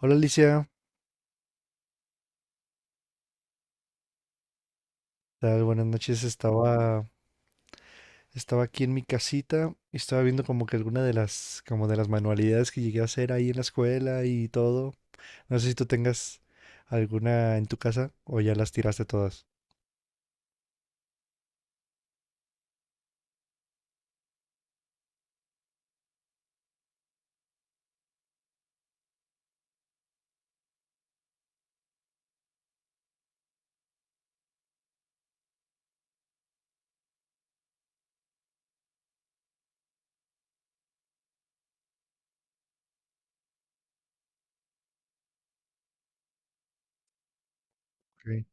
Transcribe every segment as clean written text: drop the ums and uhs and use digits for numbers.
Hola Alicia, ¿qué tal? Buenas noches. Estaba aquí en mi casita y estaba viendo como que alguna de como de las manualidades que llegué a hacer ahí en la escuela y todo. No sé si tú tengas alguna en tu casa o ya las tiraste todas. Ok.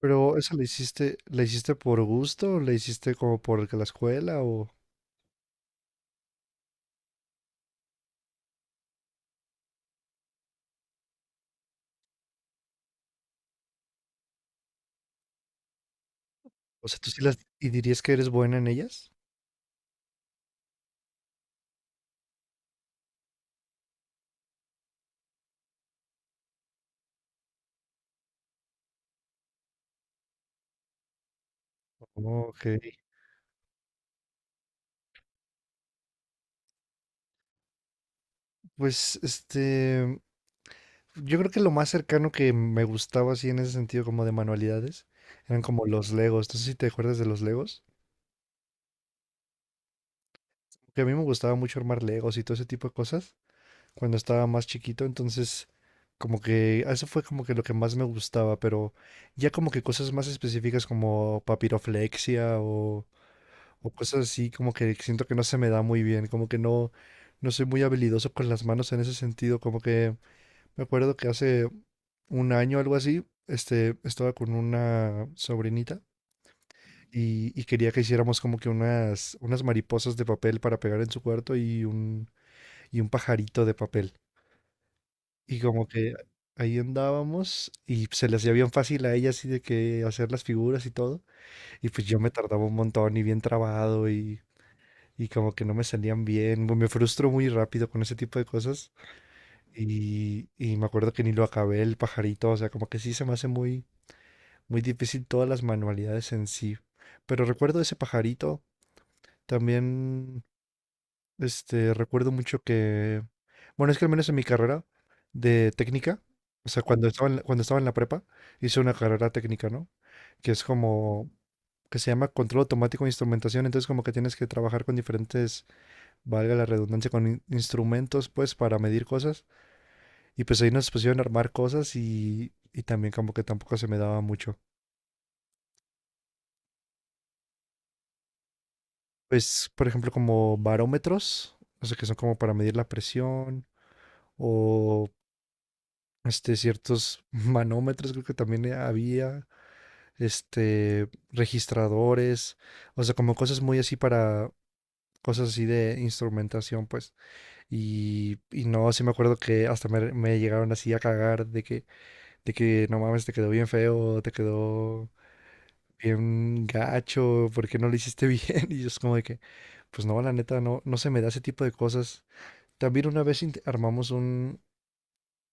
Pero eso lo hiciste, ¿la hiciste por gusto? ¿O la hiciste como por que la escuela? O sea, ¿tú sí las y dirías que eres buena en ellas? Ok. Pues Yo creo que lo más cercano que me gustaba así en ese sentido como de manualidades eran como los Legos. No sé si te acuerdas de los Legos. Que a mí me gustaba mucho armar Legos y todo ese tipo de cosas cuando estaba más chiquito. Entonces, como que eso fue como que lo que más me gustaba. Pero ya como que cosas más específicas como papiroflexia o cosas así como que siento que no se me da muy bien. Como que no, no soy muy habilidoso con las manos en ese sentido. Como que... Me acuerdo que hace un año, algo así, estaba con una sobrinita y quería que hiciéramos como que unas mariposas de papel para pegar en su cuarto y un pajarito de papel. Y como que ahí andábamos y se le hacía bien fácil a ella así de que hacer las figuras y todo. Y pues yo me tardaba un montón y bien trabado y como que no me salían bien. Me frustro muy rápido con ese tipo de cosas. Y me acuerdo que ni lo acabé el pajarito, o sea, como que sí se me hace muy muy difícil todas las manualidades en sí. Pero recuerdo ese pajarito. También, recuerdo mucho que, bueno, es que al menos en mi carrera de técnica, o sea, cuando estaba cuando estaba en la prepa, hice una carrera técnica, ¿no? Que es como, que se llama control automático de instrumentación. Entonces, como que tienes que trabajar con diferentes, valga la redundancia, con instrumentos, pues, para medir cosas. Y pues ahí nos pusieron a armar cosas y también como que tampoco se me daba mucho. Pues, por ejemplo, como barómetros, o sea, que son como para medir la presión, o ciertos manómetros, creo que también había, registradores, o sea, como cosas muy así para, cosas así de instrumentación, pues, y no, sí me acuerdo que hasta me llegaron así a cagar de que, no mames, te quedó bien feo, te quedó bien gacho, ¿por qué no lo hiciste bien? Y yo es como de que, pues no, la neta, no, no se me da ese tipo de cosas. También una vez armamos un,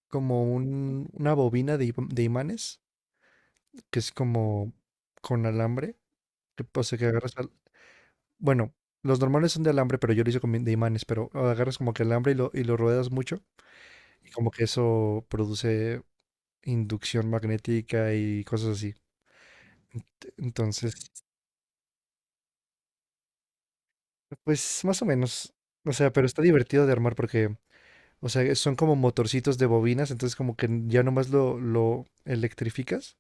como un, una bobina de imanes, que es como con alambre, que, o sea, que agarras, bueno, los normales son de alambre, pero yo lo hice de imanes, pero agarras como que alambre y lo ruedas mucho, y como que eso produce inducción magnética y cosas así. Entonces, pues más o menos, o sea, pero está divertido de armar porque, o sea, son como motorcitos de bobinas, entonces como que ya nomás lo electrificas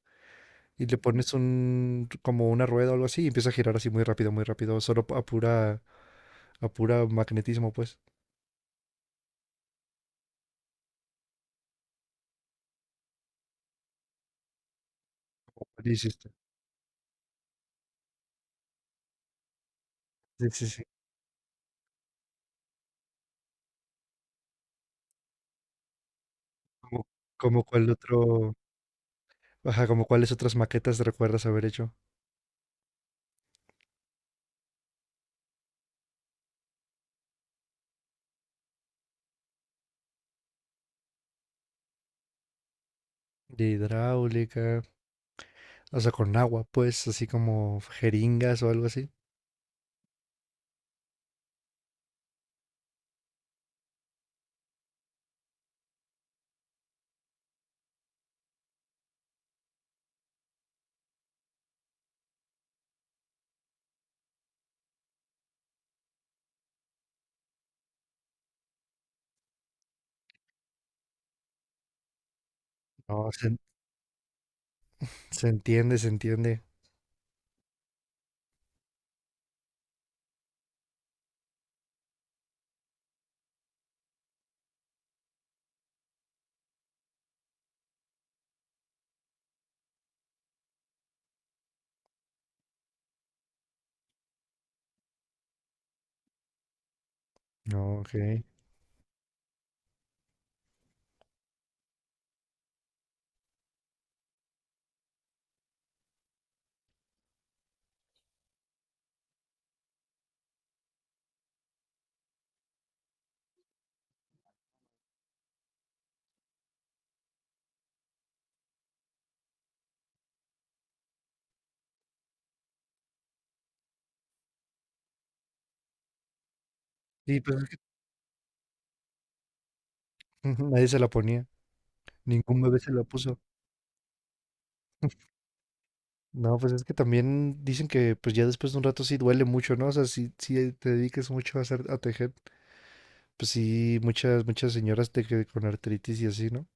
y le pones un como una rueda o algo así y empieza a girar así muy rápido, solo a pura magnetismo, pues. Sí, sí, está. Sí, sí, sí. Como, como cuál otro, ajá, como cuáles otras maquetas recuerdas haber hecho de hidráulica, o sea, con agua, pues, así como jeringas o algo así. No, se, en- Se entiende, se entiende. No, ok. Sí, pues es que nadie se la ponía, ningún bebé se la puso. No, pues es que también dicen que pues ya después de un rato sí duele mucho, ¿no? O sea, si te dediques mucho a a tejer, pues sí, muchas señoras con artritis y así, ¿no?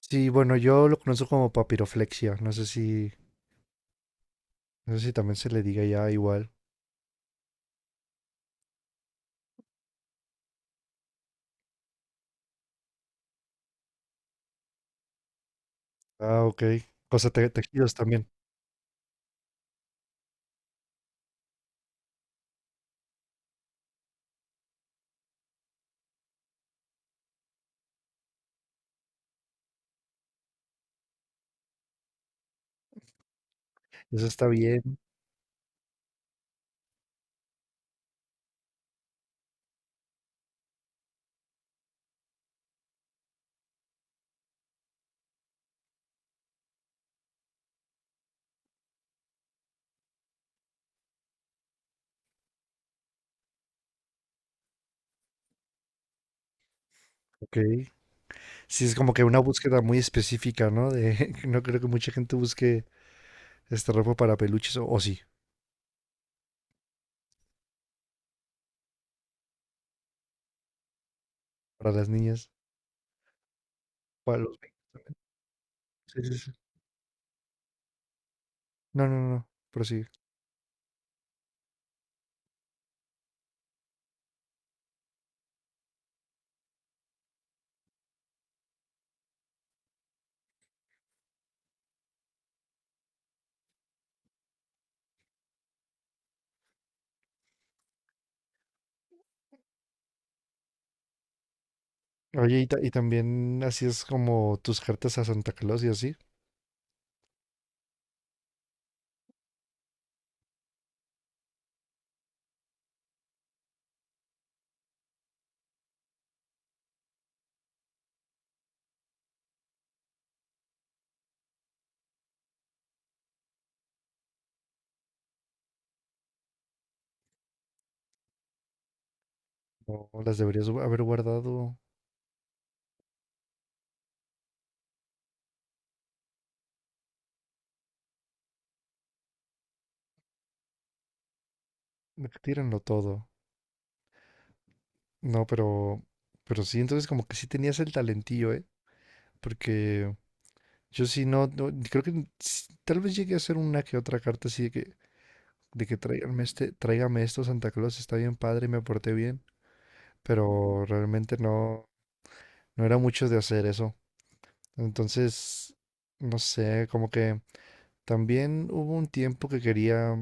Sí, bueno, yo lo conozco como papiroflexia, no sé si, no sé si también se le diga ya igual. Ah, ok. O sea, tejidos también. Eso está bien, ok. Sí, es como que una búsqueda muy específica, ¿no? De, no creo que mucha gente busque ropa para peluches, o sí, para las niñas, para los... Sí, sí, sí. No, no, no, no. Oye, y también así es como tus cartas a Santa Claus y así. No las deberías haber guardado. Tírenlo todo. No, pero sí, entonces como que sí tenías el talentillo, ¿eh? Porque yo sí no, creo que tal vez llegué a hacer una que otra carta así de que tráigame tráigame esto, Santa Claus, está bien padre y me porté bien. Pero realmente no, no era mucho de hacer eso. Entonces, no sé, como que. También hubo un tiempo que quería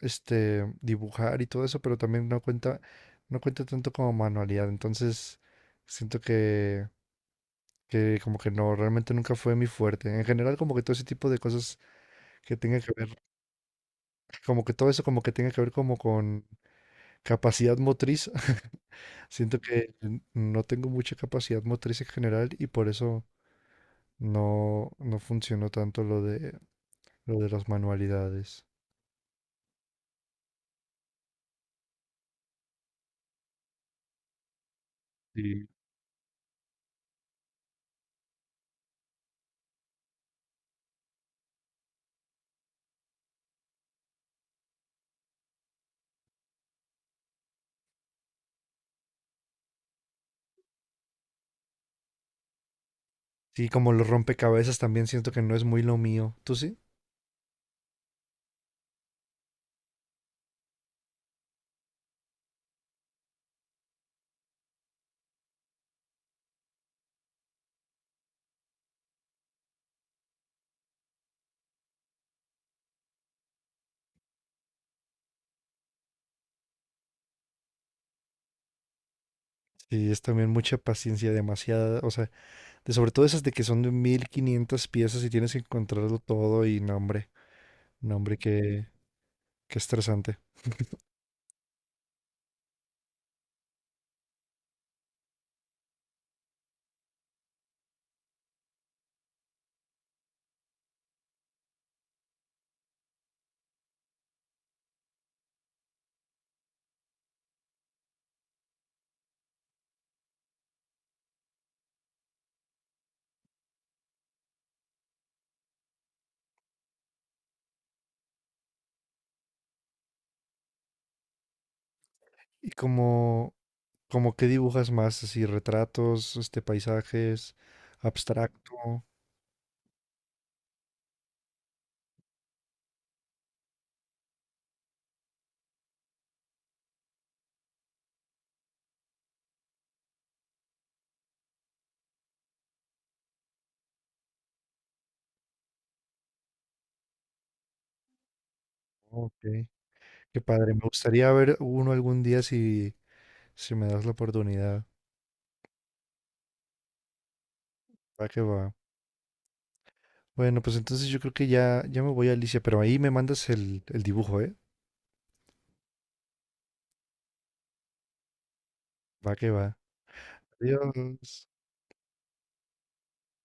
dibujar y todo eso, pero también no cuenta, no cuenta tanto como manualidad. Entonces siento que como que no, realmente nunca fue mi fuerte. En general, como que todo ese tipo de cosas que tenga que ver, como que todo eso como que tenga que ver como con capacidad motriz. Siento que no tengo mucha capacidad motriz en general y por eso no, no funcionó tanto lo de las manualidades. Sí. Sí, como los rompecabezas también siento que no es muy lo mío. ¿Tú sí? Sí, es también mucha paciencia, demasiada, o sea, de sobre todo esas de que son de 1500 piezas y tienes que encontrarlo todo y no, hombre, no, hombre, qué, qué estresante. ¿Y como qué dibujas más? Así, retratos, paisajes, abstracto. Ok, qué padre. Me gustaría ver uno algún día si, si me das la oportunidad. Va que va. Bueno, pues entonces yo creo que ya, ya me voy a Alicia, pero ahí me mandas el dibujo, ¿eh? Va que va. Adiós.